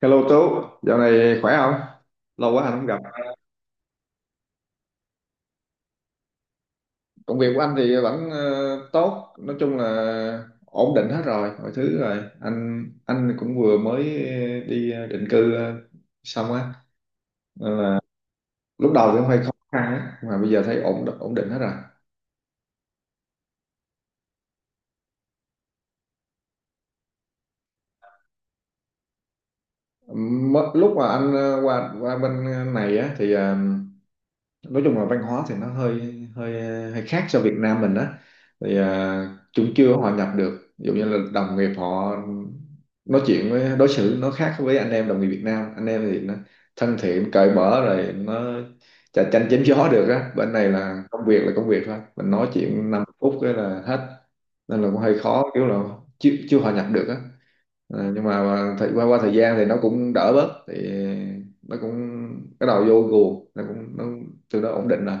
Hello Tú, dạo này khỏe không? Lâu quá anh không gặp. Công việc của anh thì vẫn tốt, nói chung là ổn định hết rồi, mọi thứ rồi. Anh cũng vừa mới đi định cư xong á, nên là lúc đầu thì cũng hơi khó khăn á, mà bây giờ thấy ổn ổn định hết rồi. Lúc mà anh qua qua bên này á thì nói chung là văn hóa thì nó hơi hơi hơi khác so Việt Nam mình á, thì chúng chưa hòa nhập được, ví dụ như là đồng nghiệp họ nói chuyện với đối xử nó khác với anh em đồng nghiệp Việt Nam. Anh em thì nó thân thiện cởi mở, rồi nó chà chanh chém gió được á. Bên này là công việc thôi, mình nói chuyện 5 phút cái là hết, nên là cũng hơi khó, kiểu là chưa hòa nhập được á. Nhưng mà qua qua thời gian thì nó cũng đỡ bớt, thì nó cũng bắt đầu vô guồng, từ đó ổn định rồi.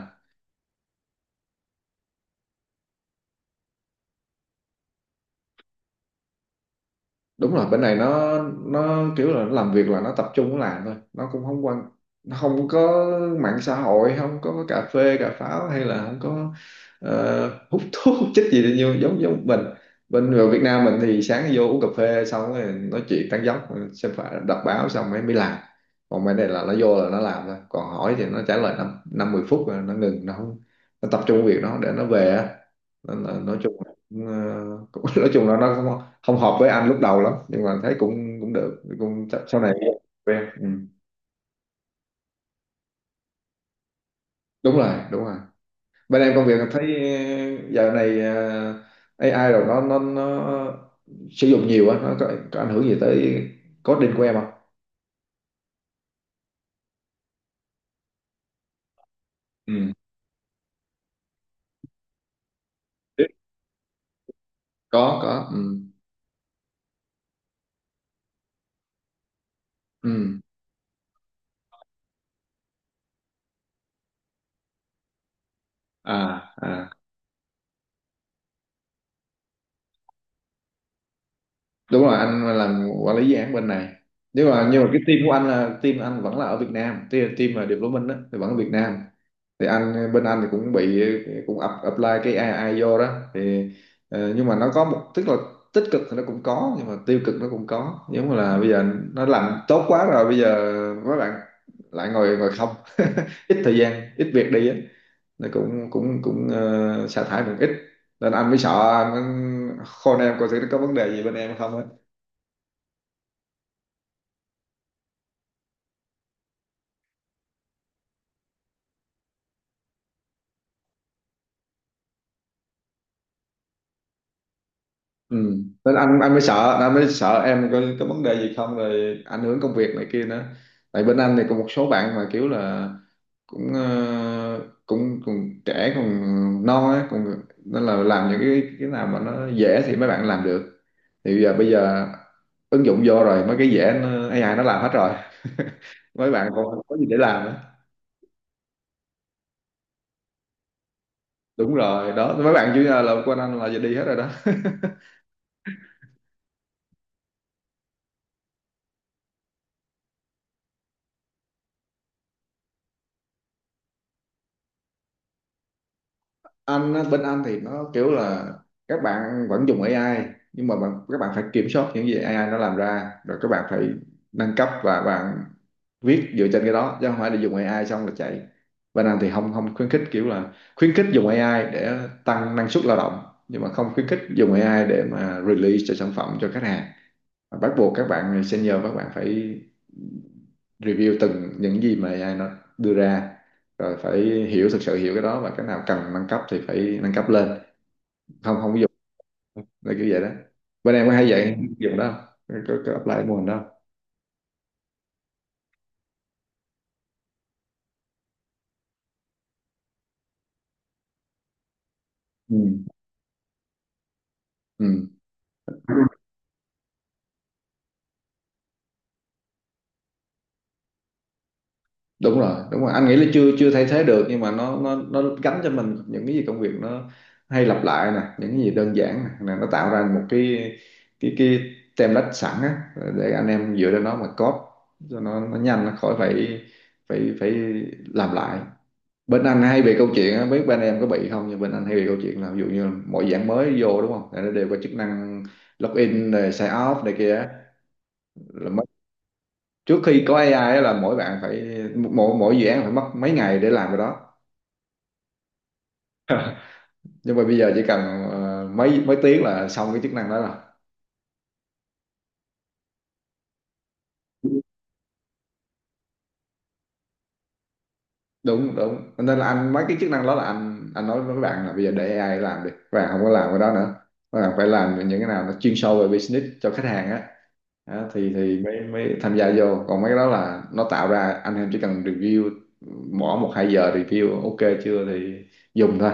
Đúng rồi, bên này nó, kiểu là nó làm việc là nó tập trung nó làm thôi, nó cũng không quan, nó không có mạng xã hội, không có cà phê cà pháo, hay là không có hút thuốc hút chích gì nhiều giống giống mình. Bên ở Việt Nam mình thì sáng vô uống cà phê xong rồi nói chuyện tán dóc, xem phải đọc báo xong mới mới làm, còn bên này là nó vô là nó làm thôi, còn hỏi thì nó trả lời năm năm mười phút rồi nó ngừng, nó không, nó tập trung việc nó để nó về á. Nên là nói chung, Ờ, nói chung là nó không hợp với anh lúc đầu lắm, nhưng mà thấy cũng cũng được, cũng chắc sau này quen. Ừ. Đúng rồi, đúng rồi, bên em công việc thấy giờ này AI rồi nó sử dụng nhiều á, nó có ảnh hưởng gì tới coding của em không? Ừ. có. Ừ. Ừ. à à Đúng rồi, anh làm quản lý dự án bên này, nhưng mà cái team của anh là team anh vẫn là ở Việt Nam, team team mà development đó, thì vẫn ở Việt Nam. Thì anh, bên anh thì cũng bị cũng apply cái AI vô đó thì nhưng mà nó có một, tức là tích cực thì nó cũng có, nhưng mà tiêu cực nó cũng có. Giống như là bây giờ nó làm tốt quá rồi, bây giờ mấy bạn lại ngồi ngồi không, ít thời gian, ít việc đi á, nó cũng cũng cũng sa thải cũng ít, nên anh mới sợ, anh khôn em coi thử nó có vấn đề gì bên em không á. Ừ. Nên anh mới sợ, em có vấn đề gì không, rồi ảnh hưởng công việc này kia nữa. Tại bên anh thì có một số bạn mà kiểu là cũng cũng còn trẻ, còn non á, còn nên là làm những cái nào mà nó dễ thì mấy bạn làm được, thì bây giờ ứng dụng vô rồi, mấy cái dễ nó, AI nó làm hết rồi. Mấy bạn còn không có gì để làm á. Đúng rồi đó, mấy bạn chủ nhà là quanh anh là giờ đi hết rồi đó. Anh á, bên anh thì nó kiểu là các bạn vẫn dùng AI, nhưng mà các bạn phải kiểm soát những gì AI nó làm ra, rồi các bạn phải nâng cấp và bạn viết dựa trên cái đó, chứ không phải là dùng AI xong là chạy. Bên anh thì không, không khuyến khích kiểu là, khuyến khích dùng AI để tăng năng suất lao động, nhưng mà không khuyến khích dùng AI để mà release cho sản phẩm cho khách hàng. Bắt buộc các bạn senior, các bạn phải review từng những gì mà AI nó đưa ra, rồi phải hiểu, thực sự hiểu cái đó, và cái nào cần nâng cấp thì phải nâng cấp lên. Không, không, ví dụ là kiểu vậy đó. Bên em có hay dạy dụng đó không, có apply cái mô hình đó không? Ừ. Ừ. Đúng rồi, đúng rồi, anh nghĩ là chưa chưa thay thế được, nhưng mà nó gắn cho mình những cái gì công việc nó hay lặp lại nè, những cái gì đơn giản nè. Là nó tạo ra một cái template sẵn á, để anh em dựa trên nó mà code cho nó nhanh, nó khỏi phải phải phải làm lại. Bên anh hay bị câu chuyện á, biết bên em có bị không, nhưng bên anh hay bị câu chuyện là, ví dụ như là mọi dạng mới vô đúng không, là nó đều có chức năng login rồi sign off này kia á. Trước khi có AI á là mỗi bạn phải, mỗi mỗi dự án phải mất mấy ngày để làm cái đó, nhưng mà bây giờ chỉ cần mấy mấy tiếng là xong cái chức năng đó rồi. Đúng đúng, nên là anh, mấy cái chức năng đó là anh nói với các bạn là bây giờ để AI làm đi, các bạn không có làm cái đó nữa, các bạn phải làm những cái nào nó chuyên sâu về business cho khách hàng á. Đó, thì mới mới tham gia vô, còn mấy cái đó là nó tạo ra, anh em chỉ cần review, bỏ một hai giờ review ok chưa thì dùng thôi.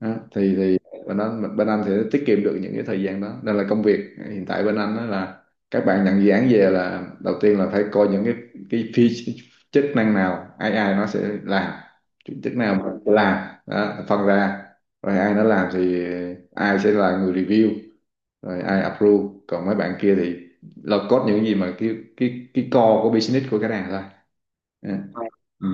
Đó, thì bên anh sẽ tiết kiệm được những cái thời gian đó, nên là công việc hiện tại bên anh đó là, các bạn nhận dự án về là đầu tiên là phải coi những cái phi chức năng nào ai ai nó sẽ làm, Chức chức nào mà sẽ làm đó, phân ra, rồi AI nó làm thì ai sẽ là người review, rồi ai approve, còn mấy bạn kia thì là code những cái gì mà cái core của business của cái này thôi. Ừ. Ừ.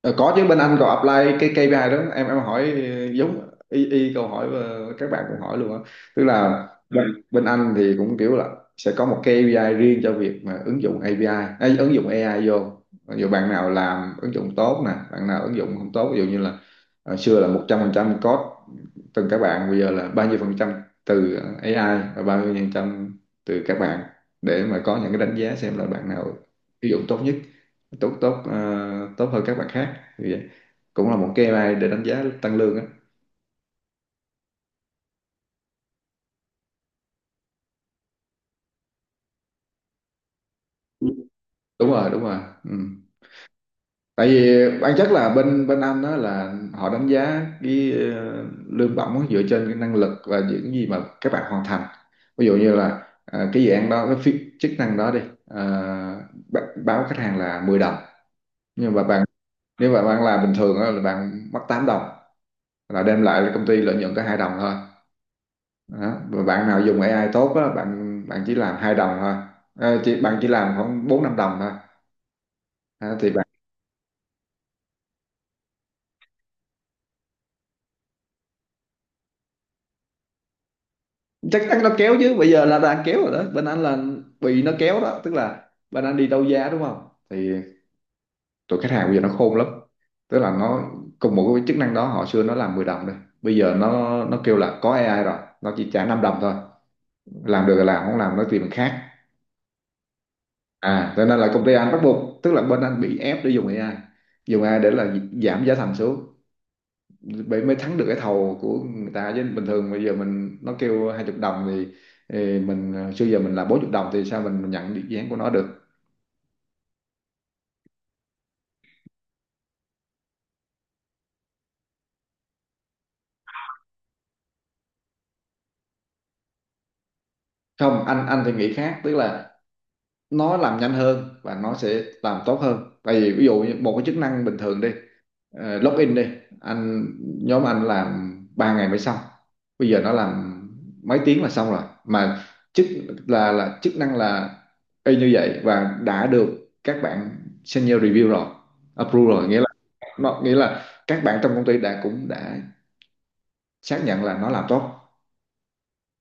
Ờ, có chứ, bên anh có apply cái KPI đó. Em hỏi, giống y y câu hỏi các bạn cũng hỏi luôn á, tức là Ừ. Bên anh thì cũng kiểu là sẽ có một KPI riêng cho việc mà ứng dụng API ấy, ứng dụng AI vô, ví dụ bạn nào làm ứng dụng tốt nè, bạn nào ứng dụng không tốt, ví dụ như là xưa là 100% code từng các bạn, bây giờ là bao nhiêu phần trăm từ AI và bao nhiêu phần trăm từ các bạn, để mà có những cái đánh giá xem là bạn nào ứng dụng tốt nhất, tốt tốt tốt hơn các bạn khác. Như vậy cũng là một cái AI để đánh giá tăng lương á. Ừ. Đúng rồi, đúng rồi. Ừ. Tại vì bản chất là bên bên anh đó là họ đánh giá cái lương bổng á dựa trên cái năng lực và những gì mà các bạn hoàn thành. Ví dụ như là cái dự án đó, cái chức năng đó đi, ờ, báo khách hàng là 10 đồng, nhưng mà nếu mà bạn làm bình thường á là bạn mất 8 đồng, là đem lại là công ty lợi nhuận có 2 đồng thôi. Đó. Và bạn nào dùng AI tốt á, bạn bạn chỉ làm hai đồng thôi. Ờ, chỉ bạn chỉ làm khoảng bốn năm đồng thôi. Đó, thì bạn chắc chắn nó kéo chứ, bây giờ là đang kéo rồi đó. Bên anh là bị nó kéo đó, tức là bên anh đi đấu giá đúng không, thì tụi khách hàng bây giờ nó khôn lắm. Tức là nó cùng một cái chức năng đó, họ xưa nó làm 10 đồng thôi, bây giờ nó kêu là có AI rồi, nó chỉ trả 5 đồng thôi. Làm được là làm, không làm nó tìm người khác. À, cho nên là công ty anh bắt buộc, tức là bên anh bị ép để dùng AI, dùng AI để là giảm giá thành xuống, mới mới thắng được cái thầu của người ta. Chứ bình thường bây giờ mình nó kêu hai chục đồng thì mình xưa giờ mình là bốn chục đồng thì sao mình nhận được dự án của nó được. Không, anh thì nghĩ khác, tức là nó làm nhanh hơn và nó sẽ làm tốt hơn. Tại vì ví dụ như một cái chức năng bình thường đi, login đi, anh nhóm anh làm 3 ngày mới xong, bây giờ nó làm mấy tiếng là xong rồi mà. Chức là chức năng là y như vậy, và đã được các bạn senior review rồi, approve rồi, nghĩa là nó nghĩa là các bạn trong công ty đã cũng đã xác nhận là nó làm tốt,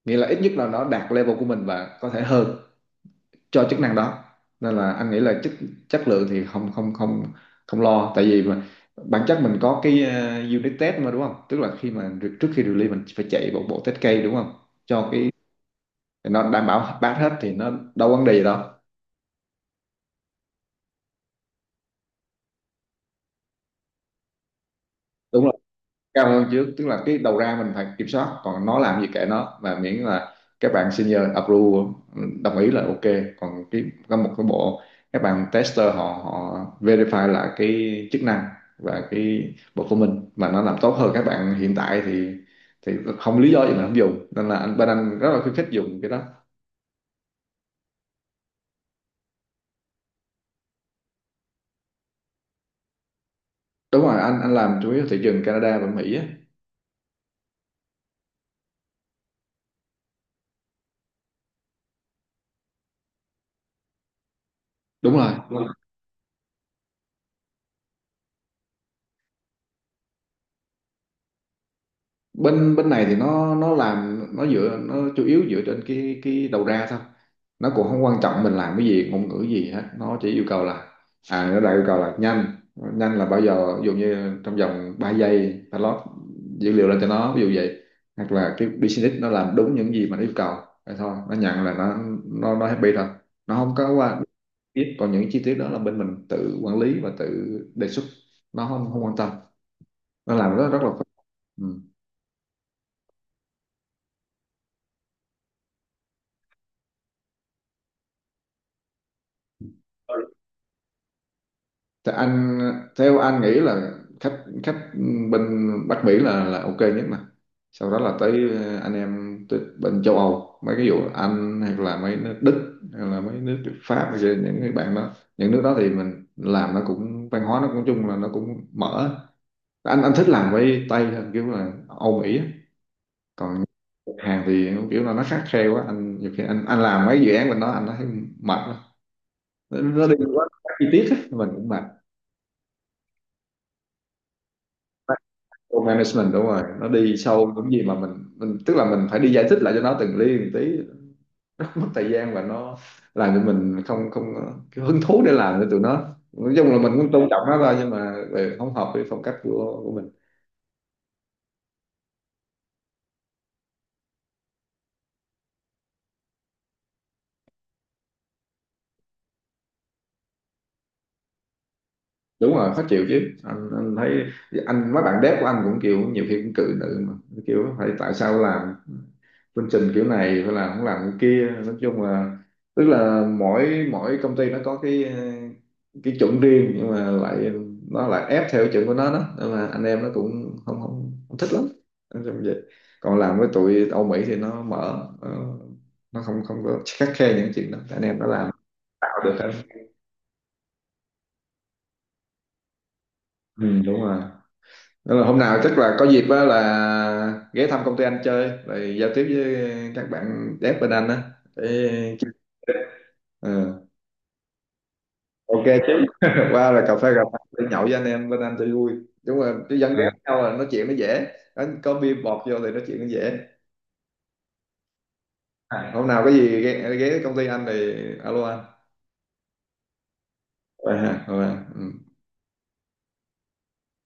nghĩa là ít nhất là nó đạt level của mình và có thể hơn cho chức năng đó. Nên là anh nghĩ là chất chất lượng thì không không lo. Tại vì mà bản chất mình có cái unit test mà đúng không, tức là khi mà trước khi release mình phải chạy một bộ test case đúng không cho cái. Nó đảm bảo pass hết thì nó đâu vấn đề gì đâu. Đúng rồi, cao hơn trước, tức là cái đầu ra mình phải kiểm soát, còn nó làm gì kệ nó, và miễn là các bạn senior approve đồng ý là ok. Còn cái có một cái bộ các bạn tester họ họ verify lại cái chức năng, và cái bộ của mình mà nó làm tốt hơn các bạn hiện tại thì không lý do gì mà không dùng. Nên là anh bên anh rất là khuyến khích dùng cái đó. Đúng rồi, anh làm chủ yếu thị trường Canada và Mỹ á. Đúng rồi, bên bên này thì nó làm nó dựa, nó chủ yếu dựa trên cái đầu ra thôi. Nó cũng không quan trọng mình làm cái gì, ngôn ngữ gì hết, nó chỉ yêu cầu là à, nó đã yêu cầu là nhanh. Nhanh là bao giờ, ví dụ như trong vòng 3 giây ta lót dữ liệu lên cho nó, ví dụ vậy. Hoặc là cái business nó làm đúng những gì mà nó yêu cầu, vậy thôi nó nhận, là nó nó happy thôi. Nó không có qua biết, còn những chi tiết đó là bên mình tự quản lý và tự đề xuất, nó không không quan tâm. Nó làm rất rất là phức. Ừ. Thì anh theo anh nghĩ là khách khách bên Bắc Mỹ là ok nhất. Mà sau đó là tới anh em tới bên châu Âu, mấy cái vụ Anh hay là mấy nước Đức hay là mấy nước Pháp hay là những cái bạn đó. Những nước đó thì mình làm nó cũng văn hóa nó cũng chung là nó cũng mở. Anh thích làm với Tây hơn, kiểu là Âu Mỹ á. Còn Hàn thì kiểu là nó khắt khe quá anh, nhiều khi anh làm mấy dự án bên đó anh thấy mệt lắm. Nó đi quá chi tiết á, mình cũng mệt. Load management đúng rồi, nó đi sâu những gì mà mình, tức là mình phải đi giải thích lại cho nó từng ly từng tí, nó mất thời gian và nó làm cho mình không không cái hứng thú để làm cho tụi nó. Nói chung là mình cũng tôn trọng nó thôi, nhưng mà về không hợp với phong cách của mình. Đúng rồi, khó chịu chứ anh thấy anh mấy bạn dev của anh cũng kiểu nhiều khi cũng cự nữ mà, kiểu phải tại sao làm chương trình kiểu này phải làm không làm cái kia. Nói chung là tức là mỗi mỗi công ty nó có cái cái chuẩn riêng, nhưng mà lại nó lại ép theo cái chuẩn của nó đó, nên mà anh em nó cũng không không, không thích lắm. Nói chung vậy, còn làm với tụi Âu Mỹ thì nó mở. Ờ, nó không không có khắt khe những chuyện đó, anh em nó làm tạo được hết. Ừ, đúng rồi. Nên là hôm nào chắc là có dịp á là ghé thăm công ty anh chơi, rồi giao tiếp với các bạn dev bên anh á để... Ừ. Ok chứ qua là cà phê để nhậu với anh em bên anh cho vui. Đúng rồi, chứ dân ghét à, nhau là nói chuyện nó dễ. Đánh có bia bọt vô thì nói chuyện nó dễ. À, hôm nào có gì ghé, ghé công ty anh thì alo anh. Vậy hả, rồi, ừ.